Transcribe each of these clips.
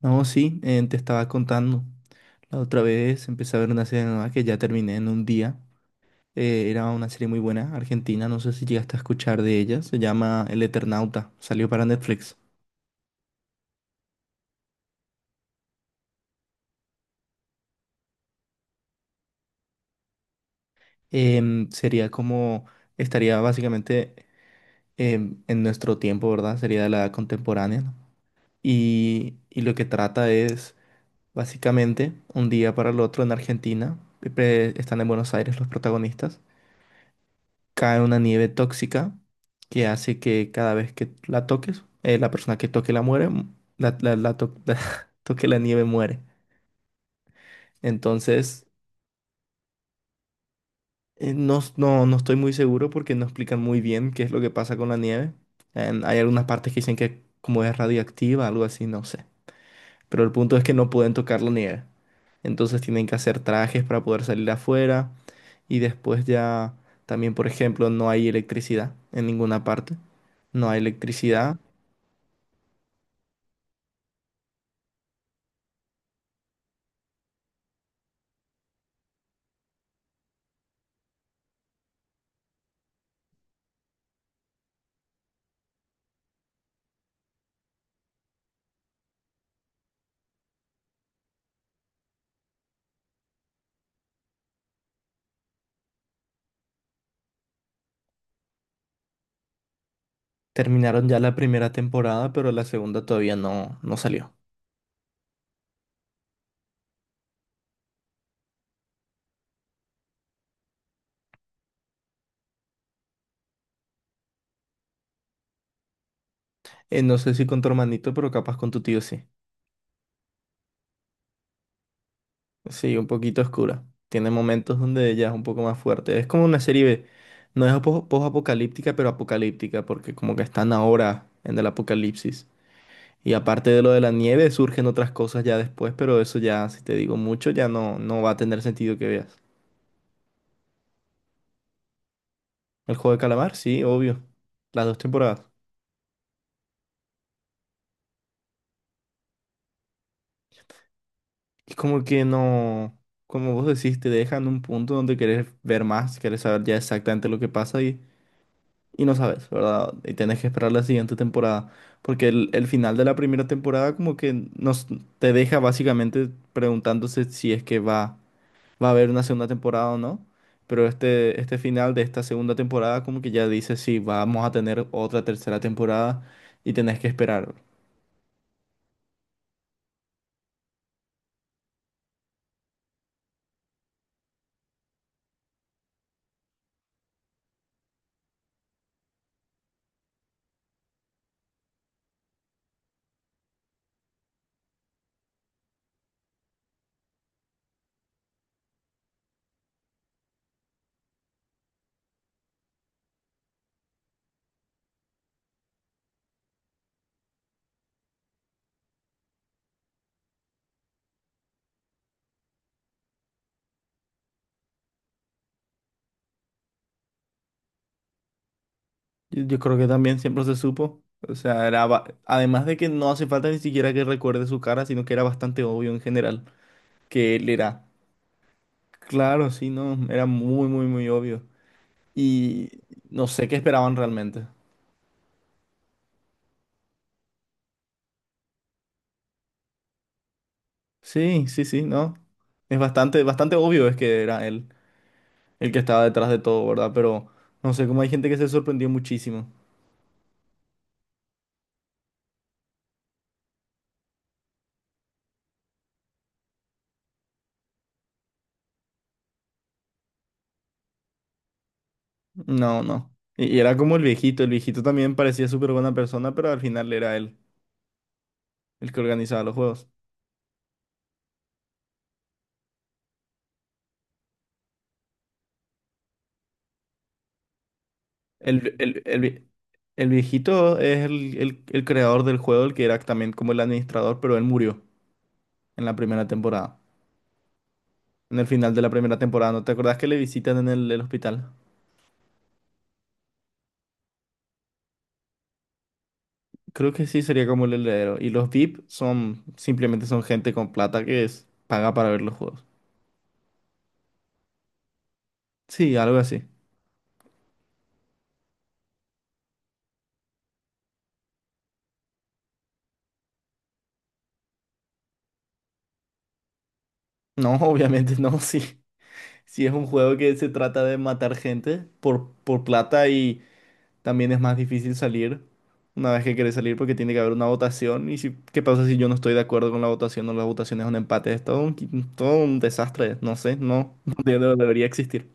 No, sí, te estaba contando. La otra vez empecé a ver una serie nueva que ya terminé en un día. Era una serie muy buena, argentina, no sé si llegaste a escuchar de ella. Se llama El Eternauta, salió para Netflix. Sería como, estaría básicamente en nuestro tiempo, ¿verdad? Sería de la edad contemporánea, ¿no? Y lo que trata es, básicamente, un día para el otro en Argentina. Están en Buenos Aires los protagonistas, cae una nieve tóxica que hace que cada vez que la toques, la persona que toque la muere, la toque la nieve muere. Entonces, no, no, no estoy muy seguro porque no explican muy bien qué es lo que pasa con la nieve. Hay algunas partes que dicen que como es radiactiva, algo así, no sé. Pero el punto es que no pueden tocar la nieve. Entonces tienen que hacer trajes para poder salir afuera. Y después ya también, por ejemplo, no hay electricidad en ninguna parte. No hay electricidad. Terminaron ya la primera temporada, pero la segunda todavía no, no salió. No sé si con tu hermanito, pero capaz con tu tío sí. Sí, un poquito oscura. Tiene momentos donde ella es un poco más fuerte. Es como una serie, B. no es po- post-apocalíptica, pero apocalíptica, porque como que están ahora en el apocalipsis. Y aparte de lo de la nieve, surgen otras cosas ya después, pero eso ya, si te digo mucho, ya no, no va a tener sentido que veas. El juego de calamar, sí, obvio. Las dos temporadas. Es como que no, como vos decís, te dejan un punto donde querés ver más, querés saber ya exactamente lo que pasa y no sabes, ¿verdad? Y tenés que esperar la siguiente temporada, porque el final de la primera temporada como que nos te deja básicamente preguntándose si es que va a haber una segunda temporada o no, pero este final de esta segunda temporada como que ya dice si vamos a tener otra tercera temporada y tenés que esperar. Yo creo que también siempre se supo. O sea, era además de que no hace falta ni siquiera que recuerde su cara, sino que era bastante obvio en general que él era. Claro, sí, no, era muy, muy, muy obvio. Y no sé qué esperaban realmente. Sí, sí, sí, no. Es bastante, bastante obvio es que era él el que estaba detrás de todo, ¿verdad? Pero no sé cómo hay gente que se sorprendió muchísimo. No, no. Y era como el viejito. El viejito también parecía súper buena persona, pero al final era él el que organizaba los juegos. El, el- el vie- el viejito es el creador del juego, el que era también como el administrador, pero él murió en la primera temporada. En el final de la primera temporada, ¿no te acordás que le visitan en el hospital? Creo que sí sería como el heredero. Y los VIP son simplemente son gente con plata que es, paga para ver los juegos. Sí, algo así. No, obviamente no, sí. Si es un juego que se trata de matar gente por plata. También es más difícil salir una vez que querés salir porque tiene que haber una votación. ¿Y si, qué pasa si yo no estoy de acuerdo con la votación o la votación es un empate? Es todo un, todo un desastre. No sé, no, no no debería existir.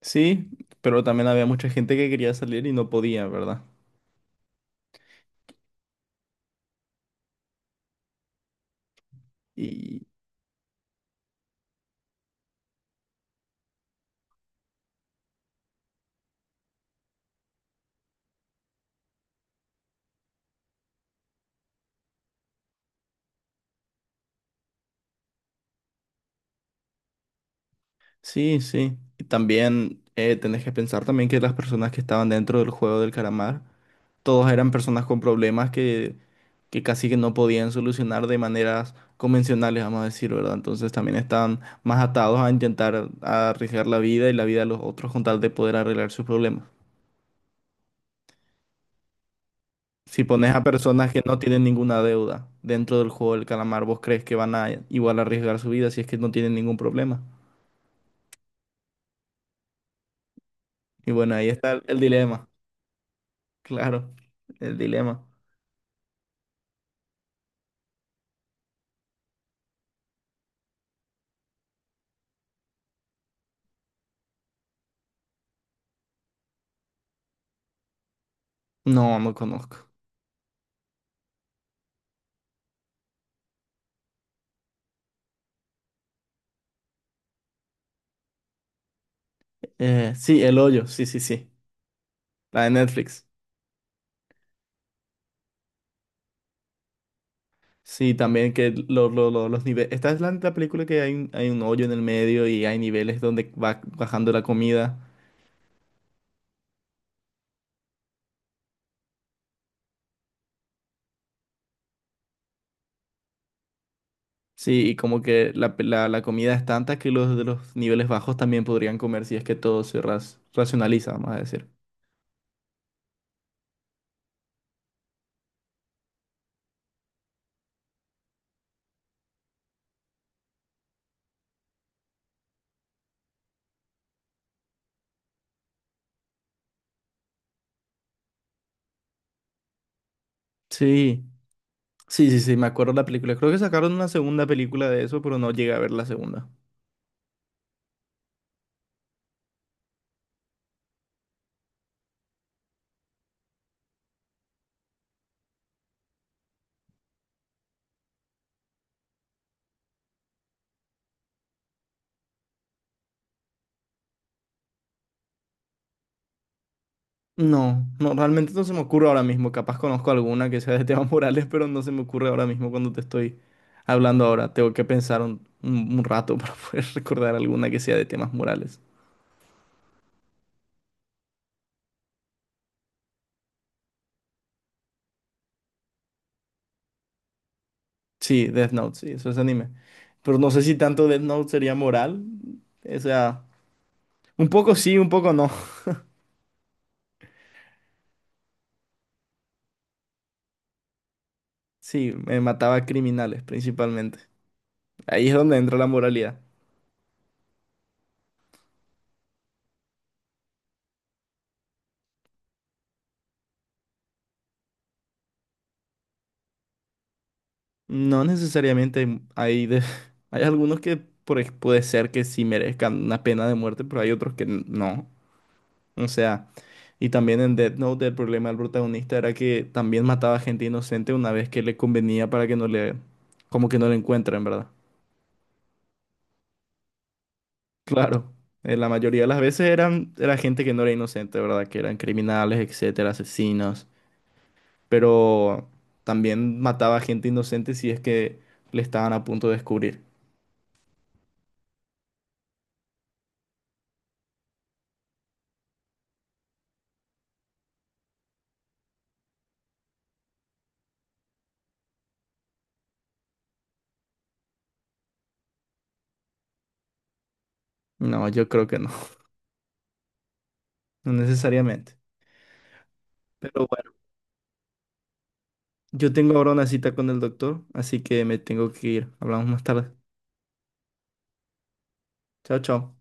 Sí, pero también había mucha gente que quería salir y no podía, ¿verdad? Y sí, sí. Y también tenés que pensar también que las personas que estaban dentro del juego del calamar, todos eran personas con problemas que casi que no podían solucionar de maneras convencionales, vamos a decir, ¿verdad? Entonces también estaban más atados a intentar arriesgar la vida y la vida de los otros con tal de poder arreglar sus problemas. Si pones a personas que no tienen ninguna deuda dentro del juego del calamar, ¿vos crees que van a igual arriesgar su vida si es que no tienen ningún problema? Y bueno, ahí está el dilema, claro, el dilema. No, no conozco. Sí, El Hoyo, sí, sí, sí, la de Netflix. Sí, también que los niveles. Esta es la película que hay un hoyo en el medio y hay niveles donde va bajando la comida. Sí, y como que la comida es tanta que los de los niveles bajos también podrían comer si es que todo se racionaliza, vamos a decir. Sí, sí, sí, sí, me acuerdo de la película. Creo que sacaron una segunda película de eso, pero no llegué a ver la segunda. No, no, realmente no se me ocurre ahora mismo. Capaz conozco alguna que sea de temas morales, pero no se me ocurre ahora mismo cuando te estoy hablando ahora. Tengo que pensar un, un rato para poder recordar alguna que sea de temas morales. Sí, Death Note, sí, eso es anime. Pero no sé si tanto Death Note sería moral. O sea, un poco sí, un poco no. Sí, me mataba a criminales principalmente. Ahí es donde entra la moralidad. No necesariamente hay algunos que puede ser que sí merezcan una pena de muerte, pero hay otros que no. O sea, y también en Death Note el problema del protagonista era que también mataba gente inocente una vez que le convenía para que no le, como que no le encuentren, ¿verdad? Claro, la mayoría de las veces eran, era gente que no era inocente, ¿verdad? Que eran criminales, etcétera, asesinos, pero también mataba gente inocente si es que le estaban a punto de descubrir. No, yo creo que no, no necesariamente. Pero bueno, yo tengo ahora una cita con el doctor, así que me tengo que ir. Hablamos más tarde. Chao, chao.